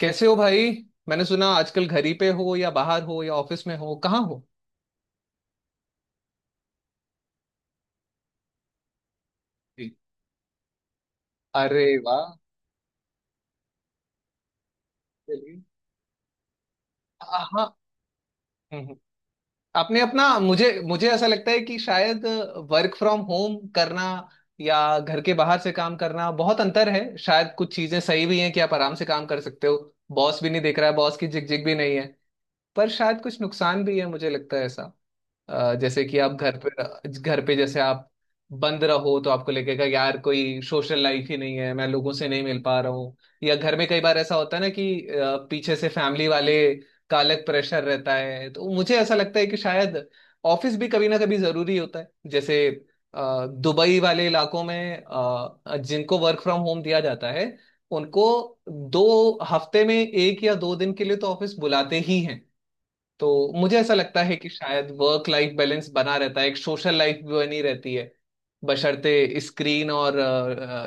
कैसे हो भाई। मैंने सुना आजकल घर ही पे हो या बाहर हो या ऑफिस में हो, कहाँ हो? जी। अरे वाह। चलिए। हाँ। हम्म, हम्म। आपने अपना, मुझे मुझे ऐसा लगता है कि शायद वर्क फ्रॉम होम करना या घर के बाहर से काम करना, बहुत अंतर है। शायद कुछ चीजें सही भी हैं कि आप आराम से काम कर सकते हो, बॉस भी नहीं देख रहा है, बॉस की झिकझिक भी नहीं है। पर शायद कुछ नुकसान भी है, मुझे लगता है ऐसा। जैसे कि आप घर पे जैसे आप बंद रहो तो आपको लगेगा यार कोई सोशल लाइफ ही नहीं है, मैं लोगों से नहीं मिल पा रहा हूँ। या घर में कई बार ऐसा होता है ना कि पीछे से फैमिली वाले का अलग प्रेशर रहता है। तो मुझे ऐसा लगता है कि शायद ऑफिस भी कभी ना कभी जरूरी होता है। जैसे दुबई वाले इलाकों में जिनको वर्क फ्रॉम होम दिया जाता है, उनको 2 हफ्ते में 1 या 2 दिन के लिए तो ऑफिस बुलाते ही हैं। तो मुझे ऐसा लगता है कि शायद वर्क लाइफ बैलेंस बना रहता है, एक सोशल लाइफ भी बनी रहती है बशर्ते स्क्रीन और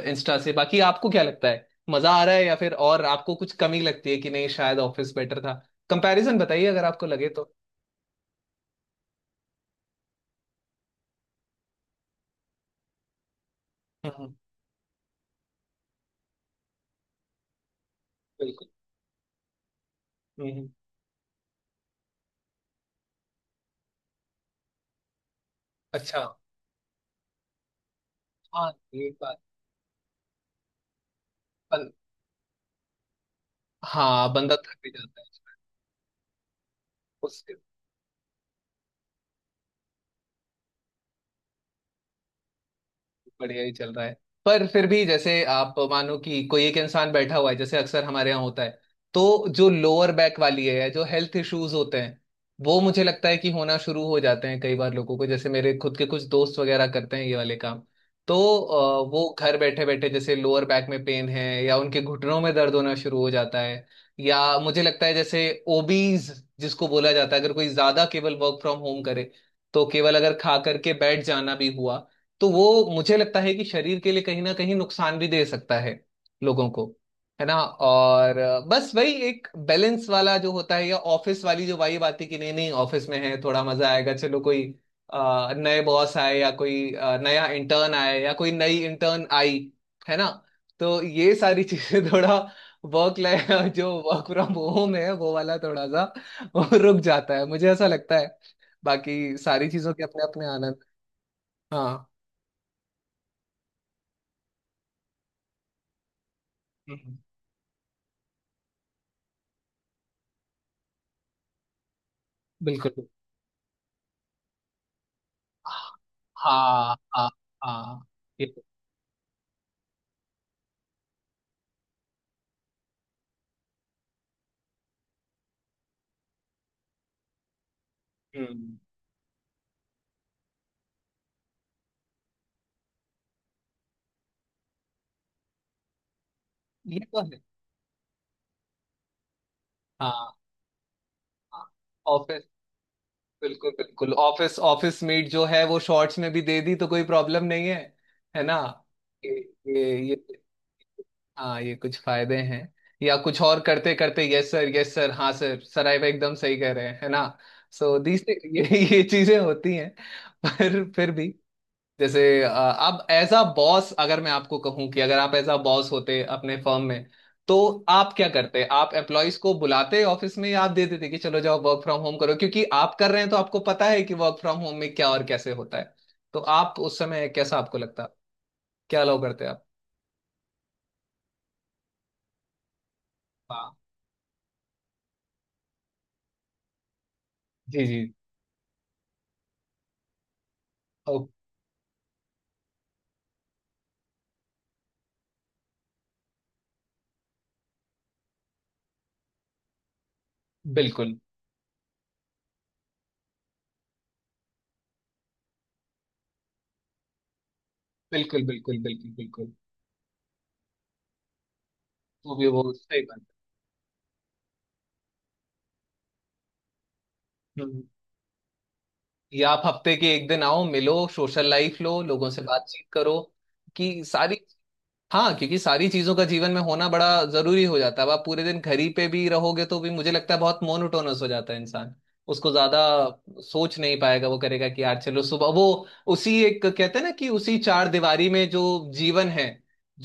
इंस्टा से। बाकी आपको क्या लगता है, मजा आ रहा है या फिर और आपको कुछ कमी लगती है कि नहीं, शायद ऑफिस बेटर था? कंपैरिजन बताइए अगर आपको लगे तो। हम्म। बिल्कुल। हम्म। अच्छा। हाँ, ये बात। बन, हाँ, बंदा थक भी जाता है। उसके। बढ़िया ही चल रहा है। पर फिर भी, जैसे आप मानो कि कोई एक इंसान बैठा हुआ है जैसे अक्सर हमारे यहाँ होता है, तो जो लोअर बैक वाली है या जो हेल्थ इश्यूज होते हैं, वो मुझे लगता है कि होना शुरू हो जाते हैं कई बार लोगों को, जैसे मेरे खुद के कुछ दोस्त वगैरह करते हैं ये वाले काम। तो वो घर बैठे बैठे जैसे लोअर बैक में पेन है या उनके घुटनों में दर्द होना शुरू हो जाता है। या मुझे लगता है जैसे ओबीज जिसको बोला जाता है, अगर कोई ज्यादा केवल वर्क फ्रॉम होम करे, तो केवल अगर खा करके बैठ जाना भी हुआ, तो वो मुझे लगता है कि शरीर के लिए कहीं ना कहीं नुकसान भी दे सकता है लोगों को, है ना। और बस वही एक बैलेंस वाला जो होता है, या ऑफिस वाली जो वाइब आती है कि नहीं नहीं, ऑफिस में है थोड़ा मजा आएगा, चलो कोई नए बॉस आए या कोई नया इंटर्न आए या कोई नई इंटर्न आई, है ना। तो ये सारी चीजें थोड़ा वर्क लाइफ, जो वर्क फ्रॉम होम है वो वाला थोड़ा सा वो रुक जाता है, मुझे ऐसा लगता है। बाकी सारी चीजों के अपने अपने आनंद। हाँ। बिल्कुल। हाँ, हाँ, हाँ। ये तो। हम्म। ये तो है। हाँ, हाँ। ऑफिस। बिल्कुल बिल्कुल। ऑफिस, ऑफिस मीट जो है वो शॉर्ट्स में भी दे दी तो कोई प्रॉब्लम नहीं है, है ना। ये ये हाँ, ये कुछ फायदे हैं या कुछ और करते करते, यस सर, यस सर, हाँ सर, सर, आप एकदम सही कह रहे हैं, है ना। सो these ये चीजें होती हैं। पर फिर भी, जैसे आप एज अ बॉस, अगर मैं आपको कहूं कि अगर आप एज अ बॉस होते अपने फर्म में, तो आप क्या करते, आप एम्प्लॉयज को बुलाते ऑफिस में या आप दे देते कि चलो जाओ वर्क फ्रॉम होम करो, क्योंकि आप कर रहे हैं तो आपको पता है कि वर्क फ्रॉम होम में क्या और कैसे होता है। तो आप उस समय कैसा आपको लगता? क्या अलाउ करते आप? हाँ। जी जी। ओ। बिल्कुल बिल्कुल बिल्कुल बिल्कुल बिल्कुल। वो भी, वो सही बात है। हम्म। या आप हफ्ते के एक दिन आओ, मिलो, सोशल लाइफ लो, लोगों से बातचीत करो, कि सारी। हाँ क्योंकि सारी चीजों का जीवन में होना बड़ा जरूरी हो जाता है। अब आप पूरे दिन घर ही पे भी रहोगे तो भी मुझे लगता है बहुत मोनोटोनस हो जाता है इंसान, उसको ज्यादा सोच नहीं पाएगा, वो करेगा कि यार चलो सुबह वो उसी एक, कहते हैं ना कि उसी चार दीवारी में जो जीवन है,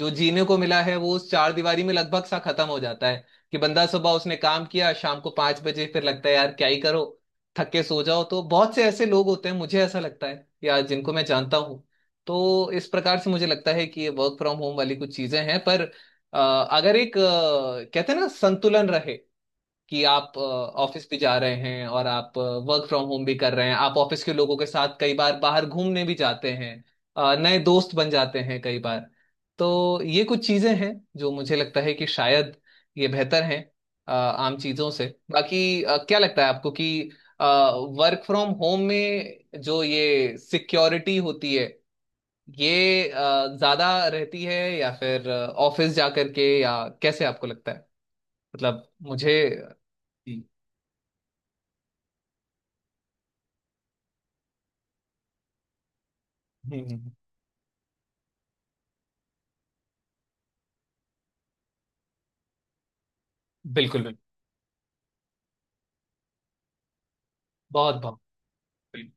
जो जीने को मिला है, वो उस चार दीवारी में लगभग सा खत्म हो जाता है। कि बंदा सुबह उसने काम किया, शाम को 5 बजे फिर लगता है यार क्या ही करो, थक के सो जाओ। तो बहुत से ऐसे लोग होते हैं मुझे ऐसा लगता है यार जिनको मैं जानता हूँ। तो इस प्रकार से मुझे लगता है कि ये वर्क फ्रॉम होम वाली कुछ चीजें हैं। पर अ, अगर एक, कहते हैं ना, संतुलन रहे, कि आप ऑफिस भी जा रहे हैं और आप वर्क फ्रॉम होम भी कर रहे हैं, आप ऑफिस के लोगों के साथ कई बार बाहर घूमने भी जाते हैं, नए दोस्त बन जाते हैं कई बार, तो ये कुछ चीजें हैं जो मुझे लगता है कि शायद ये बेहतर हैं आम चीजों से। बाकी क्या लगता है आपको कि वर्क फ्रॉम होम में जो ये सिक्योरिटी होती है, ये ज्यादा रहती है या फिर ऑफिस जा करके, या कैसे आपको लगता है, मतलब मुझे। हम्म। हम्म, बिल्कुल बिल्कुल। बहुत बहुत। बिल्कुल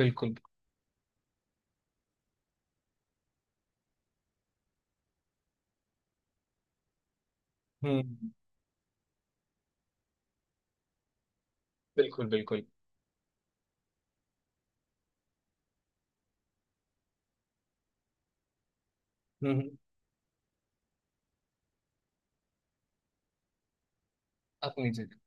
बिल्कुल। हम्म, बिल्कुल बिल्कुल। हम्म, अपनी जगह।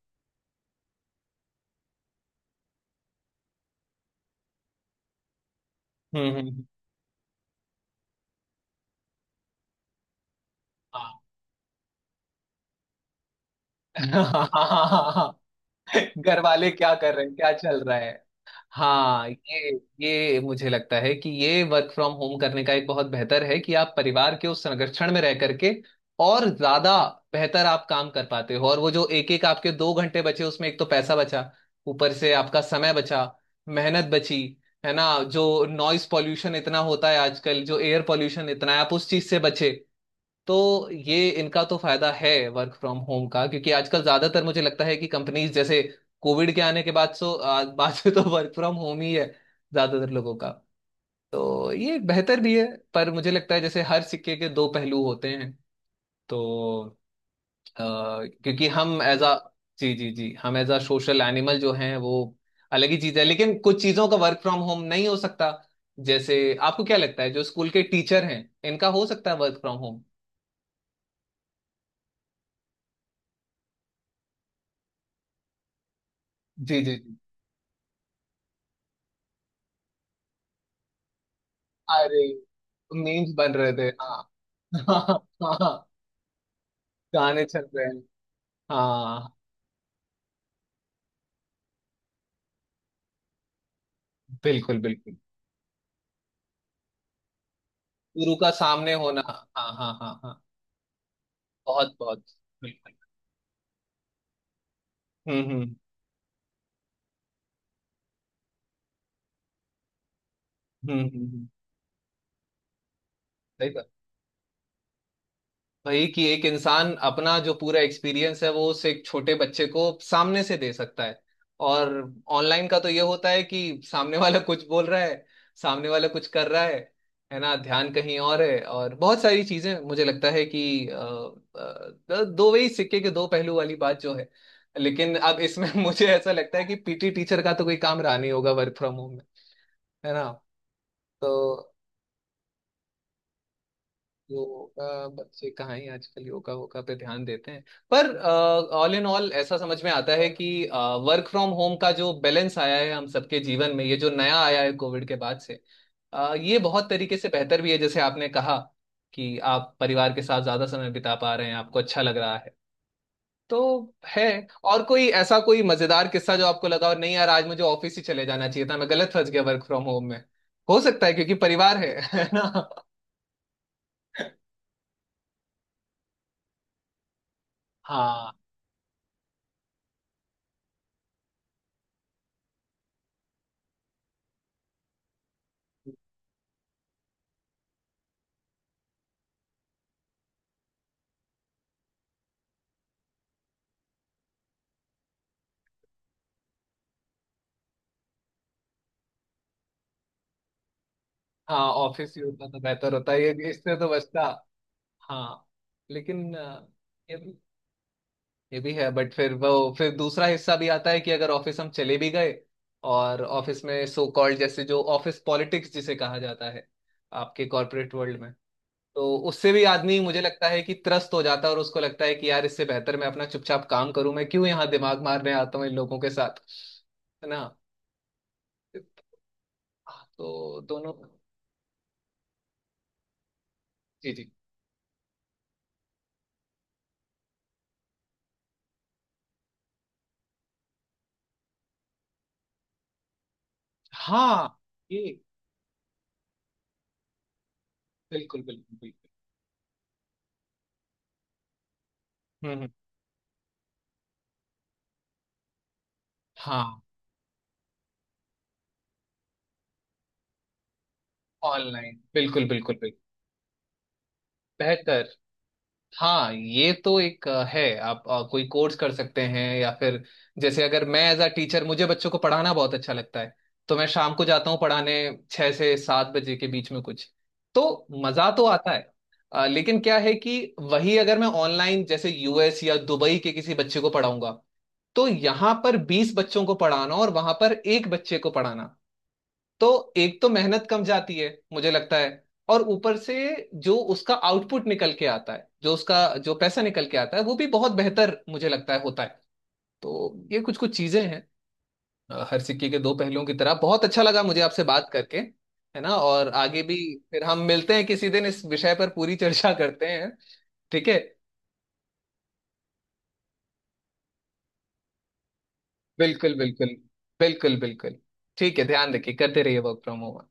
हम्म, हम्म, हाँ। घर वाले क्या कर रहे हैं, क्या चल रहा है। हाँ। ये मुझे लगता है कि ये वर्क फ्रॉम होम करने का एक बहुत बेहतर है कि आप परिवार के उस संरक्षण में रह करके और ज्यादा बेहतर आप काम कर पाते हो। और वो जो एक एक आपके 2 घंटे बचे, उसमें एक तो पैसा बचा, ऊपर से आपका समय बचा, मेहनत बची, है ना। जो नॉइस पॉल्यूशन इतना होता है आजकल, जो एयर पॉल्यूशन इतना है, आप उस चीज से बचे, तो ये इनका तो फायदा है वर्क फ्रॉम होम का। क्योंकि आजकल ज्यादातर मुझे लगता है कि कंपनीज जैसे कोविड के आने के बाद, सो बाद से तो वर्क फ्रॉम होम ही है ज्यादातर लोगों का, तो ये बेहतर भी है। पर मुझे लगता है जैसे हर सिक्के के दो पहलू होते हैं तो अ, क्योंकि हम एज अ, जी जी जी, हम एज अ सोशल एनिमल जो हैं, वो अलग ही चीज है। लेकिन कुछ चीजों का वर्क फ्रॉम होम नहीं हो सकता जैसे, आपको क्या लगता है जो स्कूल के टीचर हैं, इनका हो सकता है वर्क फ्रॉम होम? जी जी। अरे, मीम्स बन रहे थे, हाँ। हाँ। हाँ, गाने चल रहे हैं। हाँ। बिल्कुल बिल्कुल। गुरु का सामने होना, हाँ हाँ हाँ हाँ। बहुत बहुत। बिल्कुल। हम्म हम्म हम्म। हम्म। हम्म। सही भाई, कि एक इंसान अपना जो पूरा एक्सपीरियंस है वो उस एक छोटे बच्चे को सामने से दे सकता है। और ऑनलाइन का तो ये होता है कि सामने वाला कुछ बोल रहा है, सामने वाला कुछ कर रहा है ना, ध्यान कहीं और है, और बहुत सारी चीजें मुझे लगता है कि दो वही सिक्के के दो पहलू वाली बात जो है। लेकिन अब इसमें मुझे ऐसा लगता है कि पीटी टीचर का तो कोई काम रहा नहीं होगा वर्क फ्रॉम होम में, है ना। तो योगा, बच्चे कहाँ ही आजकल योगा वोगा पे ध्यान देते हैं। पर ऑल इन ऑल ऐसा समझ में आता है कि वर्क फ्रॉम होम का जो बैलेंस आया है हम सबके जीवन में, ये जो नया आया है कोविड के बाद से, ये बहुत तरीके से बेहतर भी है जैसे आपने कहा कि आप परिवार के साथ ज्यादा समय बिता पा रहे हैं, आपको अच्छा लग रहा है, तो है। और कोई ऐसा कोई मजेदार किस्सा जो आपको लगा और नहीं यार, आज मुझे ऑफिस ही चले जाना चाहिए था, मैं गलत फंस गया वर्क फ्रॉम होम में, हो सकता है क्योंकि परिवार है। है ना। हाँ। हाँ, ऑफिस ही होता तो बेहतर होता है, ये इससे तो बचता। हाँ लेकिन ये भी, ये भी है, बट फिर वो, फिर दूसरा हिस्सा भी आता है कि अगर ऑफिस हम चले भी गए और ऑफिस में सो कॉल्ड जैसे जो ऑफिस पॉलिटिक्स जिसे कहा जाता है आपके कॉर्पोरेट वर्ल्ड में, तो उससे भी आदमी मुझे लगता है कि त्रस्त हो जाता है, और उसको लगता है कि यार इससे बेहतर मैं अपना चुपचाप काम करूं, मैं क्यों यहाँ दिमाग मारने आता हूँ इन लोगों के साथ, है ना। हाँ, तो दोनों। जी जी। हाँ। ये बिल्कुल बिल्कुल बिल्कुल। हम्म। हाँ। ऑनलाइन, बिल्कुल बिल्कुल बिल्कुल, बेहतर। हाँ, ये तो एक है, आप कोई कोर्स कर सकते हैं या फिर जैसे अगर मैं एज अ टीचर, मुझे बच्चों को पढ़ाना बहुत अच्छा लगता है, तो मैं शाम को जाता हूँ पढ़ाने, 6 से 7 बजे के बीच में कुछ, तो मजा तो आता है। लेकिन क्या है कि वही अगर मैं ऑनलाइन जैसे यूएस या दुबई के किसी बच्चे को पढ़ाऊंगा, तो यहाँ पर 20 बच्चों को पढ़ाना और वहां पर एक बच्चे को पढ़ाना, तो एक तो मेहनत कम जाती है मुझे लगता है। और ऊपर से जो उसका आउटपुट निकल के आता है, जो उसका जो पैसा निकल के आता है, वो भी बहुत बेहतर मुझे लगता है होता है। तो ये कुछ कुछ चीजें हैं हर सिक्के के दो पहलुओं की तरह। बहुत अच्छा लगा मुझे आपसे बात करके, है ना। और आगे भी फिर हम मिलते हैं किसी दिन, इस विषय पर पूरी चर्चा करते हैं। ठीक है। बिल्कुल बिल्कुल बिल्कुल बिल्कुल। ठीक है, ध्यान रखिए, करते रहिए वर्क फ्रॉम होम।